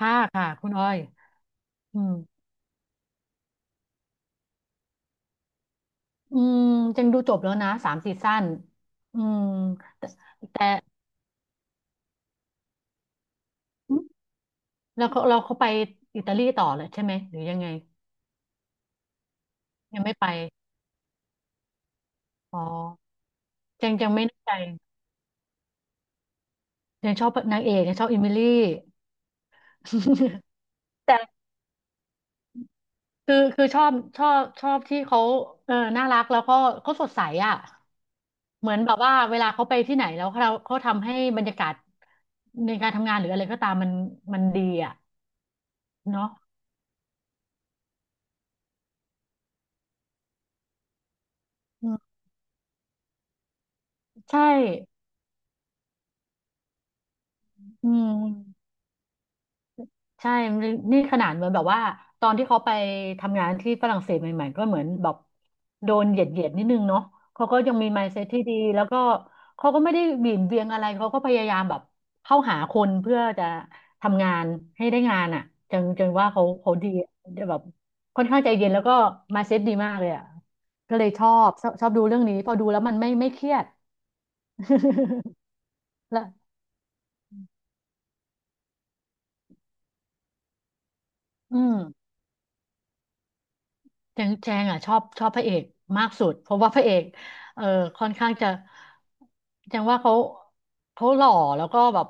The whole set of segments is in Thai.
ห้าค่ะคุณอ้อยอืมอืมจังดูจบแล้วนะสามซีซั่นอืมแต่แต่อืมแล้วเขาไปอิตาลีต่อเลยใช่ไหมหรือยังไงยังไม่ไปอ๋อจังไม่แน่ใจยังชอบนางเอกยังชอบอิมิลี่ แต่คือชอบชอบที่เขาเออน่ารักแล้วก็เขาสดใสอ่ะเหมือนแบบว่าเวลาเขาไปที่ไหนแล้วเขาทำให้บรรยากาศในการทำงานหรืออะไรก็ตามมันดีอ่ะเนาะอื ใช่ อืมใช่นี่นี่ขนาดเหมือนแบบว่าตอนที่เขาไปทำงานที่ฝรั่งเศสใหม่ๆก็เหมือนแบบโดนเหยียดนิดนึงเนาะเขาก็ยังมี mindset ที่ดีแล้วก็เขาก็ไม่ได้หวี่นเวียงอะไรเขาก็พยายามแบบเข้าหาคนเพื่อจะทำงานให้ได้งานอ่ะจังว่าเขาดีแบบค่อนข้างใจเย็นแล้วก็ mindset ดีมากเลยอ่ะก็เลยชอบชอบดูเรื่องนี้พอดูแล้วมันไม่เครียด แล้วอืม แจงอ่ะชอบชอบพระเอกมากสุดเพราะว่าพระเอกเออค่อนข้างจะแจงว่าเขาหล่อแล้วก็แบบ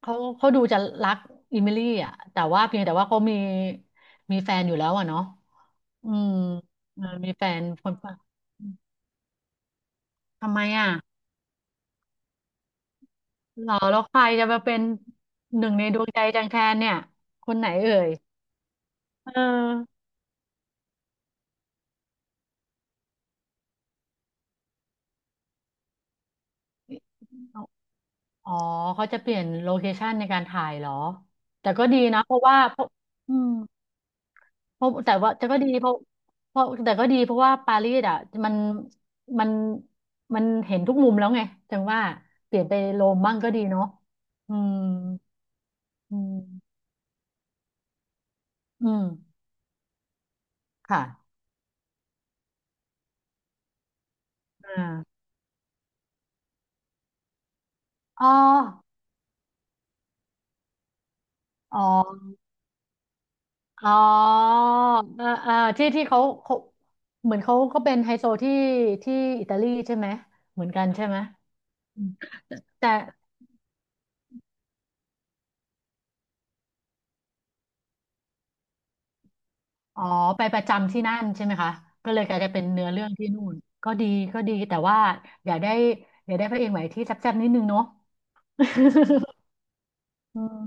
เขาเขาดูจะรักอิมิลี่อ่ะแต่ว่าเพียงแต่ว่าเขามีแฟนอยู่แล้วอ่ะเนาะอืมเออมีแฟนคนทำไมอ่ะหล่อแล้วใครจะมาเป็นหนึ่งในดวงใจแจงแทนเนี่ยคนไหนเอ่ยเออ อ๋อเขาจะเปลี่ยนโลเคชันในการถ่ายเหรอ แต่ก็ดีนะ เพราะว่าเพราะอืมเพราะแต่ว่าแต่ก็ดีเพราะเพราะแต่ก็ดีเพราะว่าปารีสอ่ะมันมัน มันเห็นทุกมุมแล้วไงจังว่าเปลี่ยนไปโรมบ้างก็ดีเนาะอืมอืมอืมค่ะอ่าอ๋ออ๋ออ๋ออ่าที่ที่เขาเหมือนเขาก็เป็นไฮโซที่ที่อิตาลีใช่ไหม เหมือนกันใช่ไหมแต่ อ๋อไปประจำที่นั่นใช่ไหมคะก็เลยกลายจะเป็นเนื้อเรื่องที่นู่นก็ดีก็ดีแต่ว่าอย่าได้อย่าได้พระเอกใหม่ที่แซ่บๆนิดนึงเนาะ อืม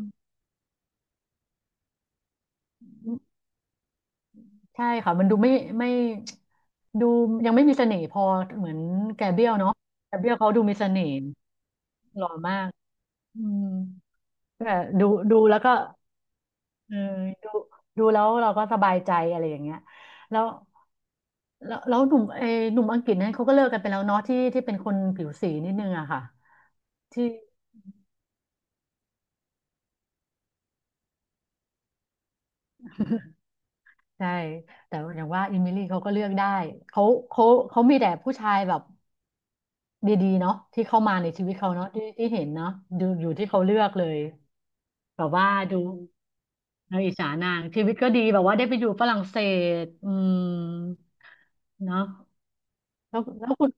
ใช่ค่ะมันดูไม่ไม่ดูยังไม่มีเสน่ห์พอเหมือนแกเบรียลเนาะแกเบรียลเขาดูมีเสน่ห์หล่อมากอืมแต่ดูแล้วก็เออดูดูแล้วเราก็สบายใจอะไรอย่างเงี้ยแล้วแล้วแล้วหนุ่มเออหนุ่มอังกฤษนั้นเขาก็เลิกกันไปแล้วเนาะที่ที่เป็นคนผิวสีนิดนึงอะค่ะ ที่ใช่แต่อย่างว่าอิมิลี่เขาก็เลือกได้เขาเขาเขามีแต่ผู้ชายแบบดีๆเนาะที่เข้ามาในชีวิตเขาเนาะที่ที่เห็นเนาะดูอยู่ที่เขาเลือกเลยแบบว่าดูเราอิจฉานางชีวิตก็ดีแบบว่าได้ไปอยู่ฝรั่งเศสอืมเนาะแล้วแล้วคุณ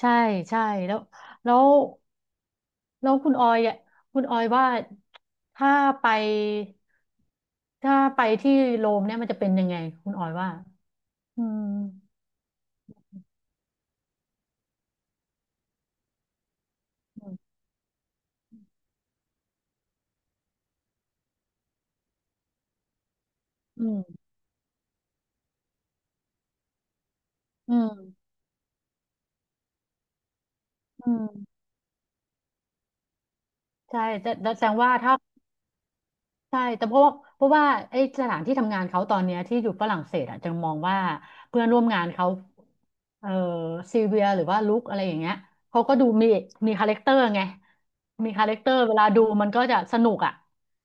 ใช่ใช่แล้วแล้วแล้วคุณออยอะคุณออยว่าถ้าไปถ้าไปที่โรมเนี่ยมันจะเป็นยังไงคุณออยว่าอืม อืมอืมอืมใช่แต่แสดงว่าถ้าใช่แต่เพราะว่าไอ้สถานที่ทำงานเขาตอนเนี้ยที่อยู่ฝรั่งเศสอ่ะจะมองว่าเพื่อนร่วมงานเขาเอ่อซีเวียหรือว่าลุคอะไรอย่างเงี้ยเขาก็ดูมีคาแรคเตอร์ไงมีคาแรคเตอร์เวลาดูมันก็จะสนุกอ่ะ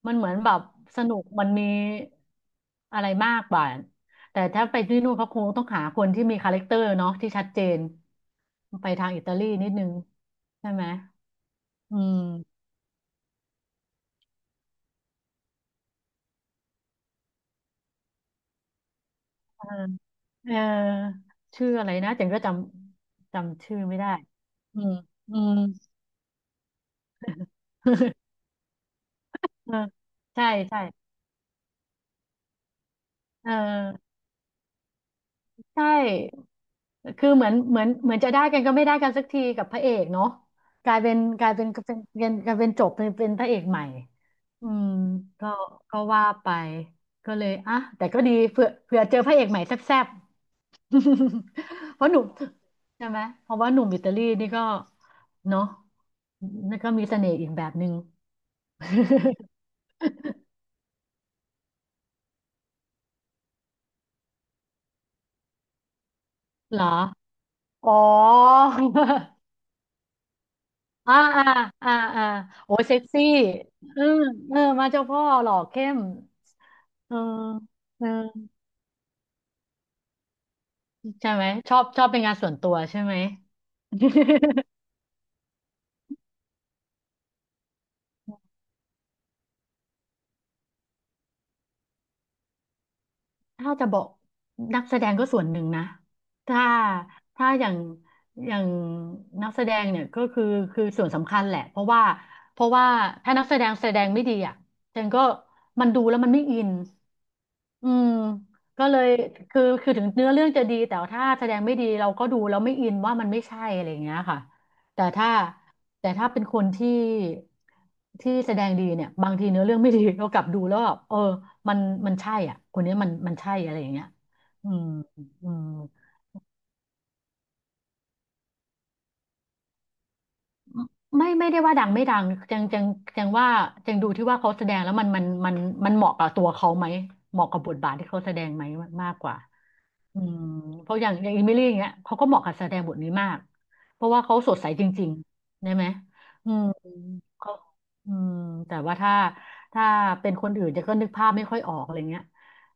มันเหมือนแบบสนุกมันมีอะไรมากกว่าแต่ถ้าไปที่นู่นเขาคงต้องหาคนที่มีคาแรคเตอร์เนาะที่ชัดเจนไปทางอิตาลีนิดนึงใช่ไหมอืม เออชื่ออะไรนะจังก็จำชื่อไม่ได้อืมอืม เออใช่ใช่เออใช่ คือเหมือนเหมือนจะได้กันก็ไม่ได้กันสักทีกับพระเอกเนาะกลายเป็นกลายเป็นจบเป็นพระเอกใหม่อืมก็ก็ว่าไปก็เลยอ่ะแต่ก็ดีเผื่อเจอพระเอกใหม่แซ่บๆ เพราะหนุ่มใช่ไหมเพราะว่าหนุ่มอิตาลีนี่ก็เนาะนี่ก็มีเสน่ห์อีกแบบหนึ่ง เหรออ๋อ อ่าอ่าอ่าอ่าโอ้ยเซ็กซี่เออเออมาเจ้าพ่อหล่อเข้มเออเออใช่ไหมชอบชอบเป็นงานส่วนตัวใช่ไหม ถ้าจะบอกนักแสดงก็ส่วนหนึ่งนะถ้าถ้าอย่างอย่างนักแสดงเนี่ยก็คือคือส่วนสำคัญแหละเพราะว่าถ้านักแสดงแสดงไม่ดีอ่ะฉันก็มันดูแล้วมันไม่อิน อืมก็เลยคือถึงเนื้อเรื่องจะดีแต่ว่าถ้าแสดงไม่ดีเราก็ดูแล้วไม่อินว่ามันไม่ใช่อะไรอย่างเงี้ยค่ะแต่ถ้าแต่ถ้าเป็นคนที่แสดงดีเนี่ยบางทีเนื้อเรื่องไม่ดีเรากลับดูแล้วแบบเออมันมันใช่อ่ะคนนี้มันใช่อะไรอย่างเงี้ยอืมอืม ไม่ได้ว่าดังไม่ดังจังจังจังว่าจังดูที่ว่าเขาแสดงแล้วมันเหมาะกับตัวเขาไหมเหมาะกับบทบาทที่เขาแสดงไหมมากกว่าอืมเพราะอย่างอิมิลี่อย่างเงี้ยเขาก็เหมาะกับแสดงบทนี้มากเพราะว่าเขาสดใสจริงๆได้ไหมอืมเขาอืมแต่ว่าถ้าเป็นคนอื่นจะก็นึกภาพไม่ค่อยออกอะไรเงี้ย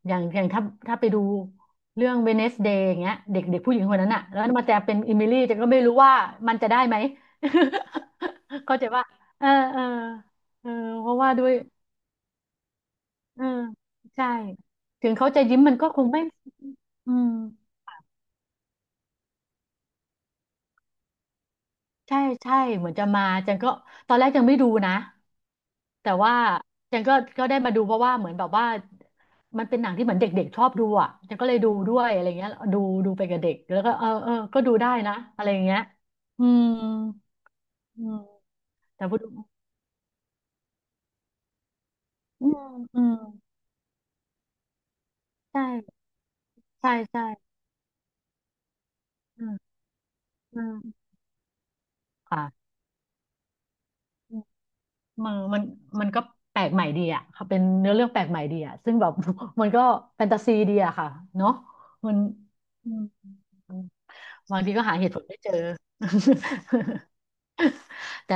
อย่างถ้าไปดูเรื่องเวนเนสเดย์อย่างเงี้ยเด็กเด็กผู้หญิงคนนั้นอะแล้วมาแจะเป็นอิมิลี่จะก็ไม่รู้ว่ามันจะได้ไหม เข้าใจว่าเออเออเออเพราะว่าด้วยเออใช่ถึงเขาจะยิ้มมันก็คงไม่อืมใช่ใช่เหมือนจะมาจันก็ตอนแรกยังไม่ดูนะแต่ว่าจันก็ได้มาดูเพราะว่าเหมือนแบบว่ามันเป็นหนังที่เหมือนเด็กๆชอบดูอ่ะจันก็เลยดูด้วยอะไรเงี้ยดูไปกับเด็กแล้วก็เออเออก็ดูได้นะอะไรอย่างเงี้ยอืมอืมแต่พอดูอืมอืมใช่ใช่ใช่อืมอืมค่ะ มันมันมันก็แปลกใหม่ดีอ่ะค่ะเป็นเนื้อเรื่องแปลกใหม่ดีอ่ะซึ่งแบบ มันก็แฟนตาซีดีอ่ะค่ะเนาะมันอืมบางทีก็หาเหตุผลไม่เจอ แต่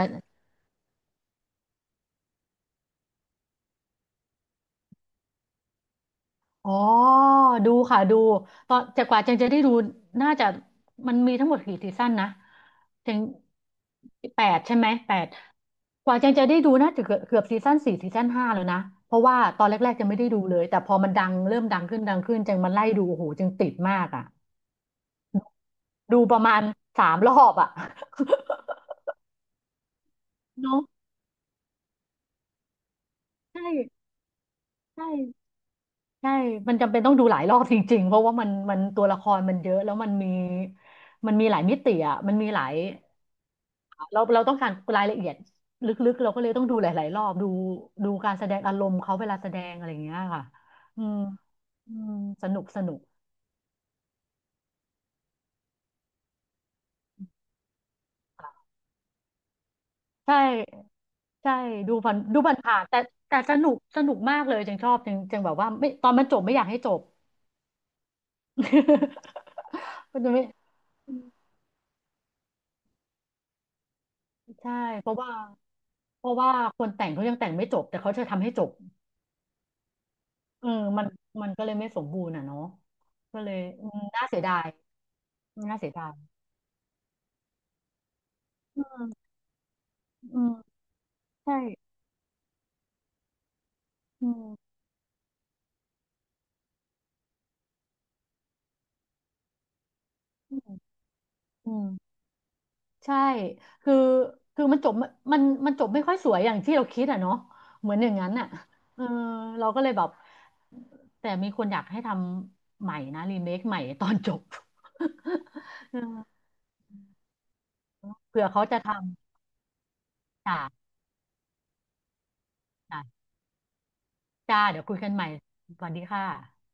อ๋อดูค่ะดูตอนแต่กว่าเจงจะได้ดูน่าจะมันมีทั้งหมดกี่ซีซั่นนะเจงแปดใช่ไหมแปดกว่าเจงจะได้ดูน่าจะเกือบซีซั่นสี่ซีซั่นห้าแล้วนะเพราะว่าตอนแรกๆจะไม่ได้ดูเลยแต่พอมันดังเริ่มดังขึ้นดังขึ้นเจงมันไล่ดูโอ้โหเจงติดมากอ่ะ ดูประมาณสามรอบอ่ะ เนาะใช่ใช่ใช่มันจำเป็นต้องดูหลายรอบจริงๆเพราะว่ามันตัวละครมันเยอะแล้วมันมีหลายมิติอ่ะมันมีหลายเราต้องการรายละเอียดลึกๆเราก็เลยต้องดูหลายๆรอบดูดูการแสดงอารมณ์เขาเวลาแสดงอะไรอย่างเงี้ยค่ะอืมอืมสนุกสนุกค่ะใช่ใช่ดูผ่านดูผ่านผ่านแต่สนุกสนุกมากเลยจังชอบจังจังแบบว่าไม่ตอนมันจบไม่อยากให้จบ มันจะไม่ อืมใช่เพราะว่าเพราะว่าคนแต่งเขายังแต่งไม่จบแต่เขาจะทำให้จบเออมันมันก็เลยไม่สมบูรณ์อ่ะเนาะก็เลยอืมน่าเสียดายน่าเสียดายอืมใช่อืมอืมอืมใช่คือคือมันจบมันจบไม่ค่อยสวยอย่างที่เราคิดอ่ะเนาะเหมือนอย่างนั้นอ่ะเออเราก็เลยแบบแต่มีคนอยากให้ทำใหม่นะรีเมคใหม่ตอนจบ เออเผื่อเขาจะทำจ้ะ จ้า เดี๋ยวคุยกันใหม่สวัสดีค่ะ